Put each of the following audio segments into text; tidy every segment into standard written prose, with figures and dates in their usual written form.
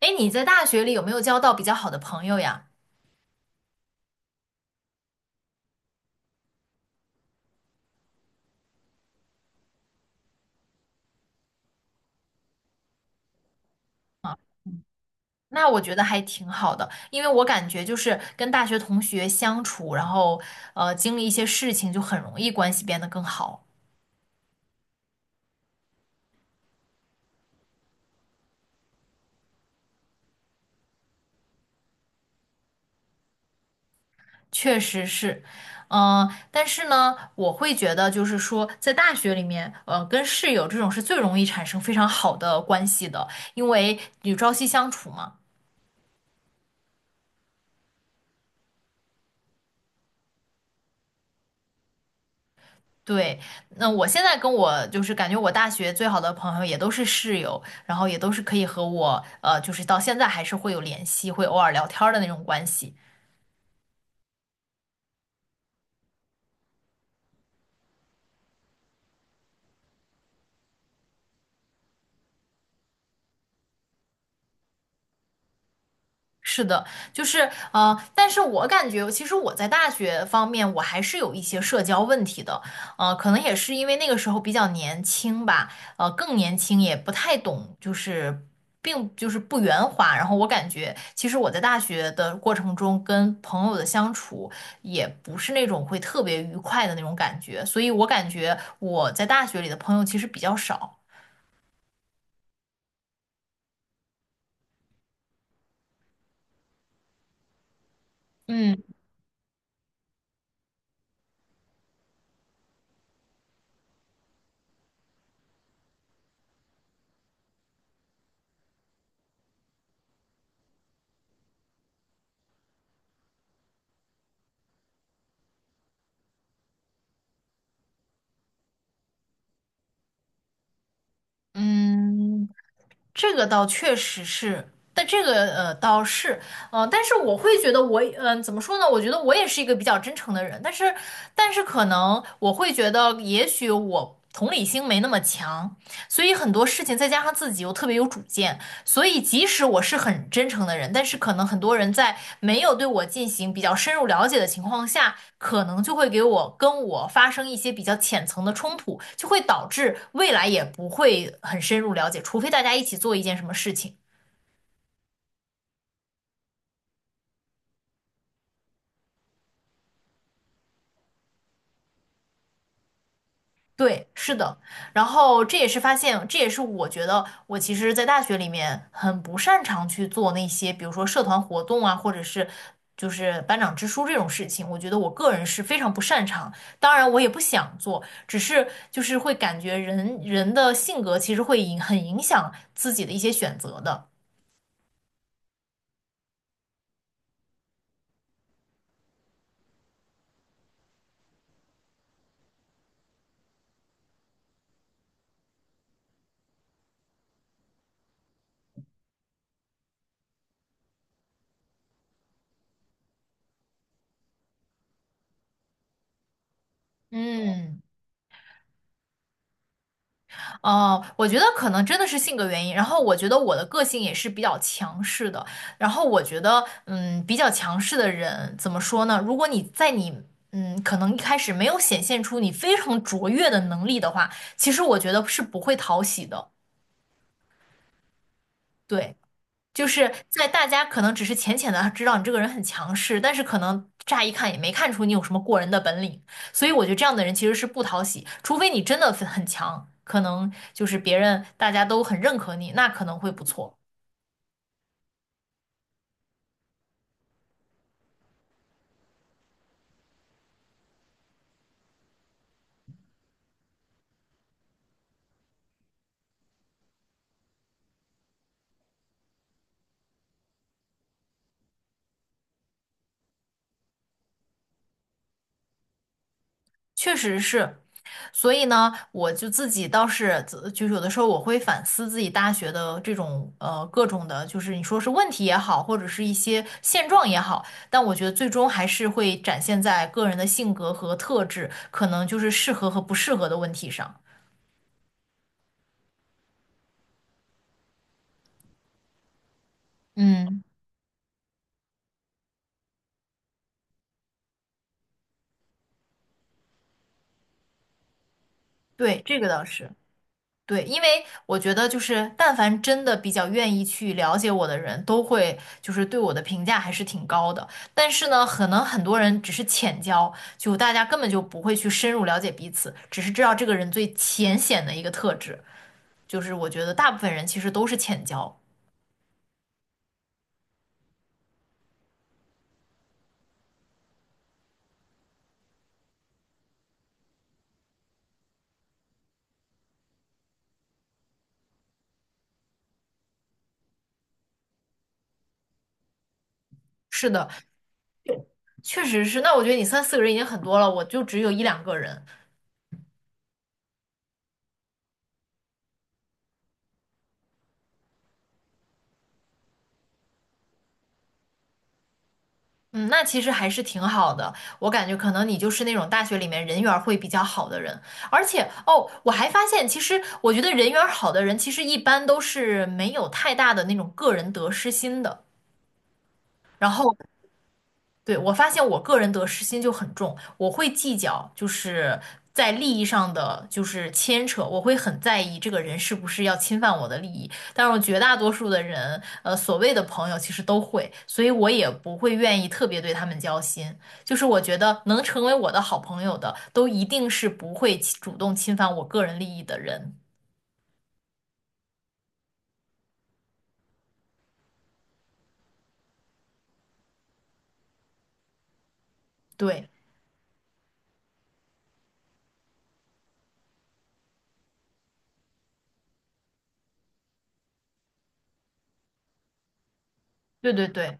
哎，你在大学里有没有交到比较好的朋友呀？啊，那我觉得还挺好的，因为我感觉就是跟大学同学相处，然后经历一些事情，就很容易关系变得更好。确实是，嗯、但是呢，我会觉得就是说，在大学里面，跟室友这种是最容易产生非常好的关系的，因为你朝夕相处嘛。对，那我现在跟我就是感觉我大学最好的朋友也都是室友，然后也都是可以和我就是到现在还是会有联系，会偶尔聊天儿的那种关系。是的，就是但是我感觉，其实我在大学方面，我还是有一些社交问题的，可能也是因为那个时候比较年轻吧，更年轻，也不太懂，就是不圆滑。然后我感觉，其实我在大学的过程中，跟朋友的相处也不是那种会特别愉快的那种感觉，所以我感觉我在大学里的朋友其实比较少。嗯。嗯，这个倒确实是，但这个倒是，呃，但是我会觉得我，嗯、怎么说呢？我觉得我也是一个比较真诚的人，但是，但是可能我会觉得，也许我同理心没那么强，所以很多事情再加上自己又特别有主见，所以即使我是很真诚的人，但是可能很多人在没有对我进行比较深入了解的情况下，可能就会给我跟我发生一些比较浅层的冲突，就会导致未来也不会很深入了解，除非大家一起做一件什么事情。对，是的，然后这也是发现，这也是我觉得我其实，在大学里面很不擅长去做那些，比如说社团活动啊，或者是就是班长之书这种事情，我觉得我个人是非常不擅长。当然，我也不想做，只是就是会感觉人的性格其实会很影响自己的一些选择的。嗯。哦，我觉得可能真的是性格原因。然后我觉得我的个性也是比较强势的。然后我觉得，嗯，比较强势的人怎么说呢？如果你在你，嗯，可能一开始没有显现出你非常卓越的能力的话，其实我觉得是不会讨喜的。对。就是在大家可能只是浅浅的知道你这个人很强势，但是可能乍一看也没看出你有什么过人的本领，所以我觉得这样的人其实是不讨喜，除非你真的很强，可能就是别人大家都很认可你，那可能会不错。确实是，所以呢，我就自己倒是就是有的时候我会反思自己大学的这种各种的，就是你说是问题也好，或者是一些现状也好，但我觉得最终还是会展现在个人的性格和特质，可能就是适合和不适合的问题上。嗯，对，这个倒是。对，因为我觉得就是，但凡真的比较愿意去了解我的人，都会就是对我的评价还是挺高的。但是呢，可能很多人只是浅交，就大家根本就不会去深入了解彼此，只是知道这个人最浅显的一个特质。就是我觉得大部分人其实都是浅交。是的，确实是。那我觉得你三四个人已经很多了，我就只有一两个人，嗯，那其实还是挺好的。我感觉可能你就是那种大学里面人缘儿会比较好的人，而且哦，我还发现，其实我觉得人缘儿好的人，其实一般都是没有太大的那种个人得失心的，然后对，我发现我个人得失心就很重，我会计较，就是在利益上的就是牵扯，我会很在意这个人是不是要侵犯我的利益。但是我绝大多数的人，所谓的朋友其实都会，所以我也不会愿意特别对他们交心。就是我觉得能成为我的好朋友的，都一定是不会主动侵犯我个人利益的人。对，对对对。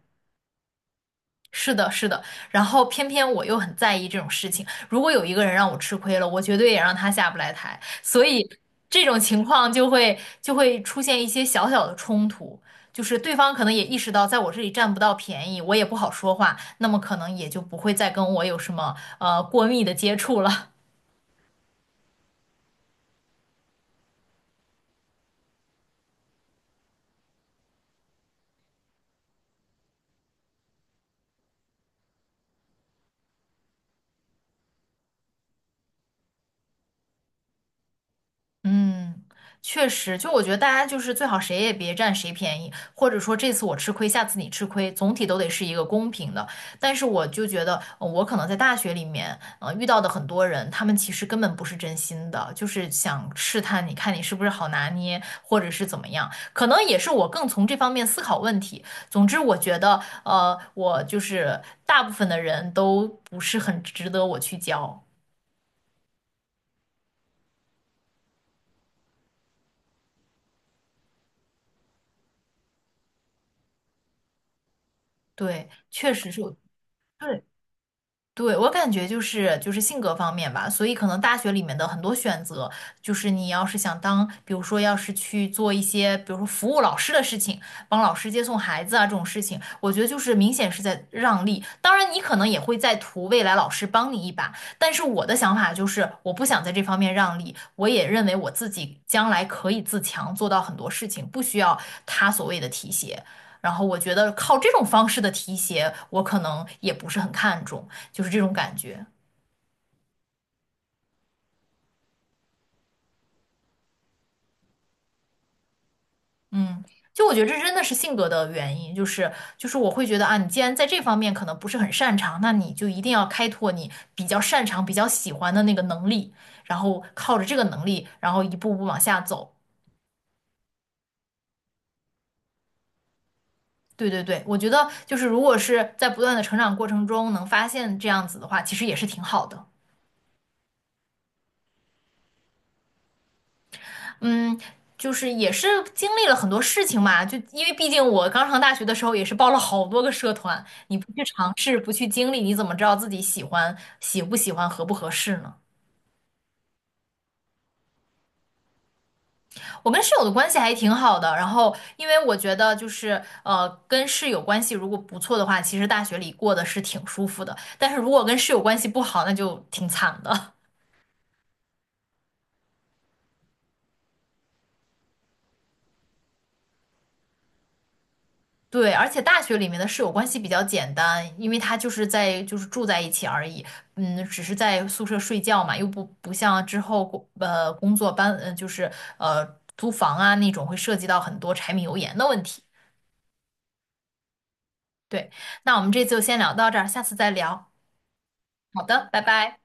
是的，是的，然后偏偏我又很在意这种事情。如果有一个人让我吃亏了，我绝对也让他下不来台。所以这种情况就会出现一些小小的冲突，就是对方可能也意识到在我这里占不到便宜，我也不好说话，那么可能也就不会再跟我有什么过密的接触了。嗯，确实，就我觉得大家就是最好谁也别占谁便宜，或者说这次我吃亏，下次你吃亏，总体都得是一个公平的。但是我就觉得，我可能在大学里面，遇到的很多人，他们其实根本不是真心的，就是想试探你看你是不是好拿捏，或者是怎么样。可能也是我更从这方面思考问题。总之，我觉得，我就是大部分的人都不是很值得我去交。对，确实是我，对。对，我感觉就是性格方面吧，所以可能大学里面的很多选择，就是你要是想当，比如说要是去做一些，比如说服务老师的事情，帮老师接送孩子啊这种事情，我觉得就是明显是在让利。当然，你可能也会在图未来老师帮你一把，但是我的想法就是，我不想在这方面让利，我也认为我自己将来可以自强，做到很多事情，不需要他所谓的提携。然后我觉得靠这种方式的提携，我可能也不是很看重。就是这种感觉。嗯，就我觉得这真的是性格的原因，就是我会觉得啊，你既然在这方面可能不是很擅长，那你就一定要开拓你比较擅长、比较喜欢的那个能力，然后靠着这个能力，然后一步步往下走。对对对，我觉得就是如果是在不断的成长过程中能发现这样子的话，其实也是挺好的。嗯，就是也是经历了很多事情嘛，就因为毕竟我刚上大学的时候也是报了好多个社团，你不去尝试，不去经历，你怎么知道自己喜欢、喜不喜欢、合不合适呢？我跟室友的关系还挺好的，然后因为我觉得就是跟室友关系如果不错的话，其实大学里过得是挺舒服的，但是如果跟室友关系不好，那就挺惨的。对，而且大学里面的室友关系比较简单，因为他就是就是住在一起而已，嗯，只是在宿舍睡觉嘛，又不像之后工作就是租房啊那种会涉及到很多柴米油盐的问题。对，那我们这次就先聊到这儿，下次再聊。好的，拜拜。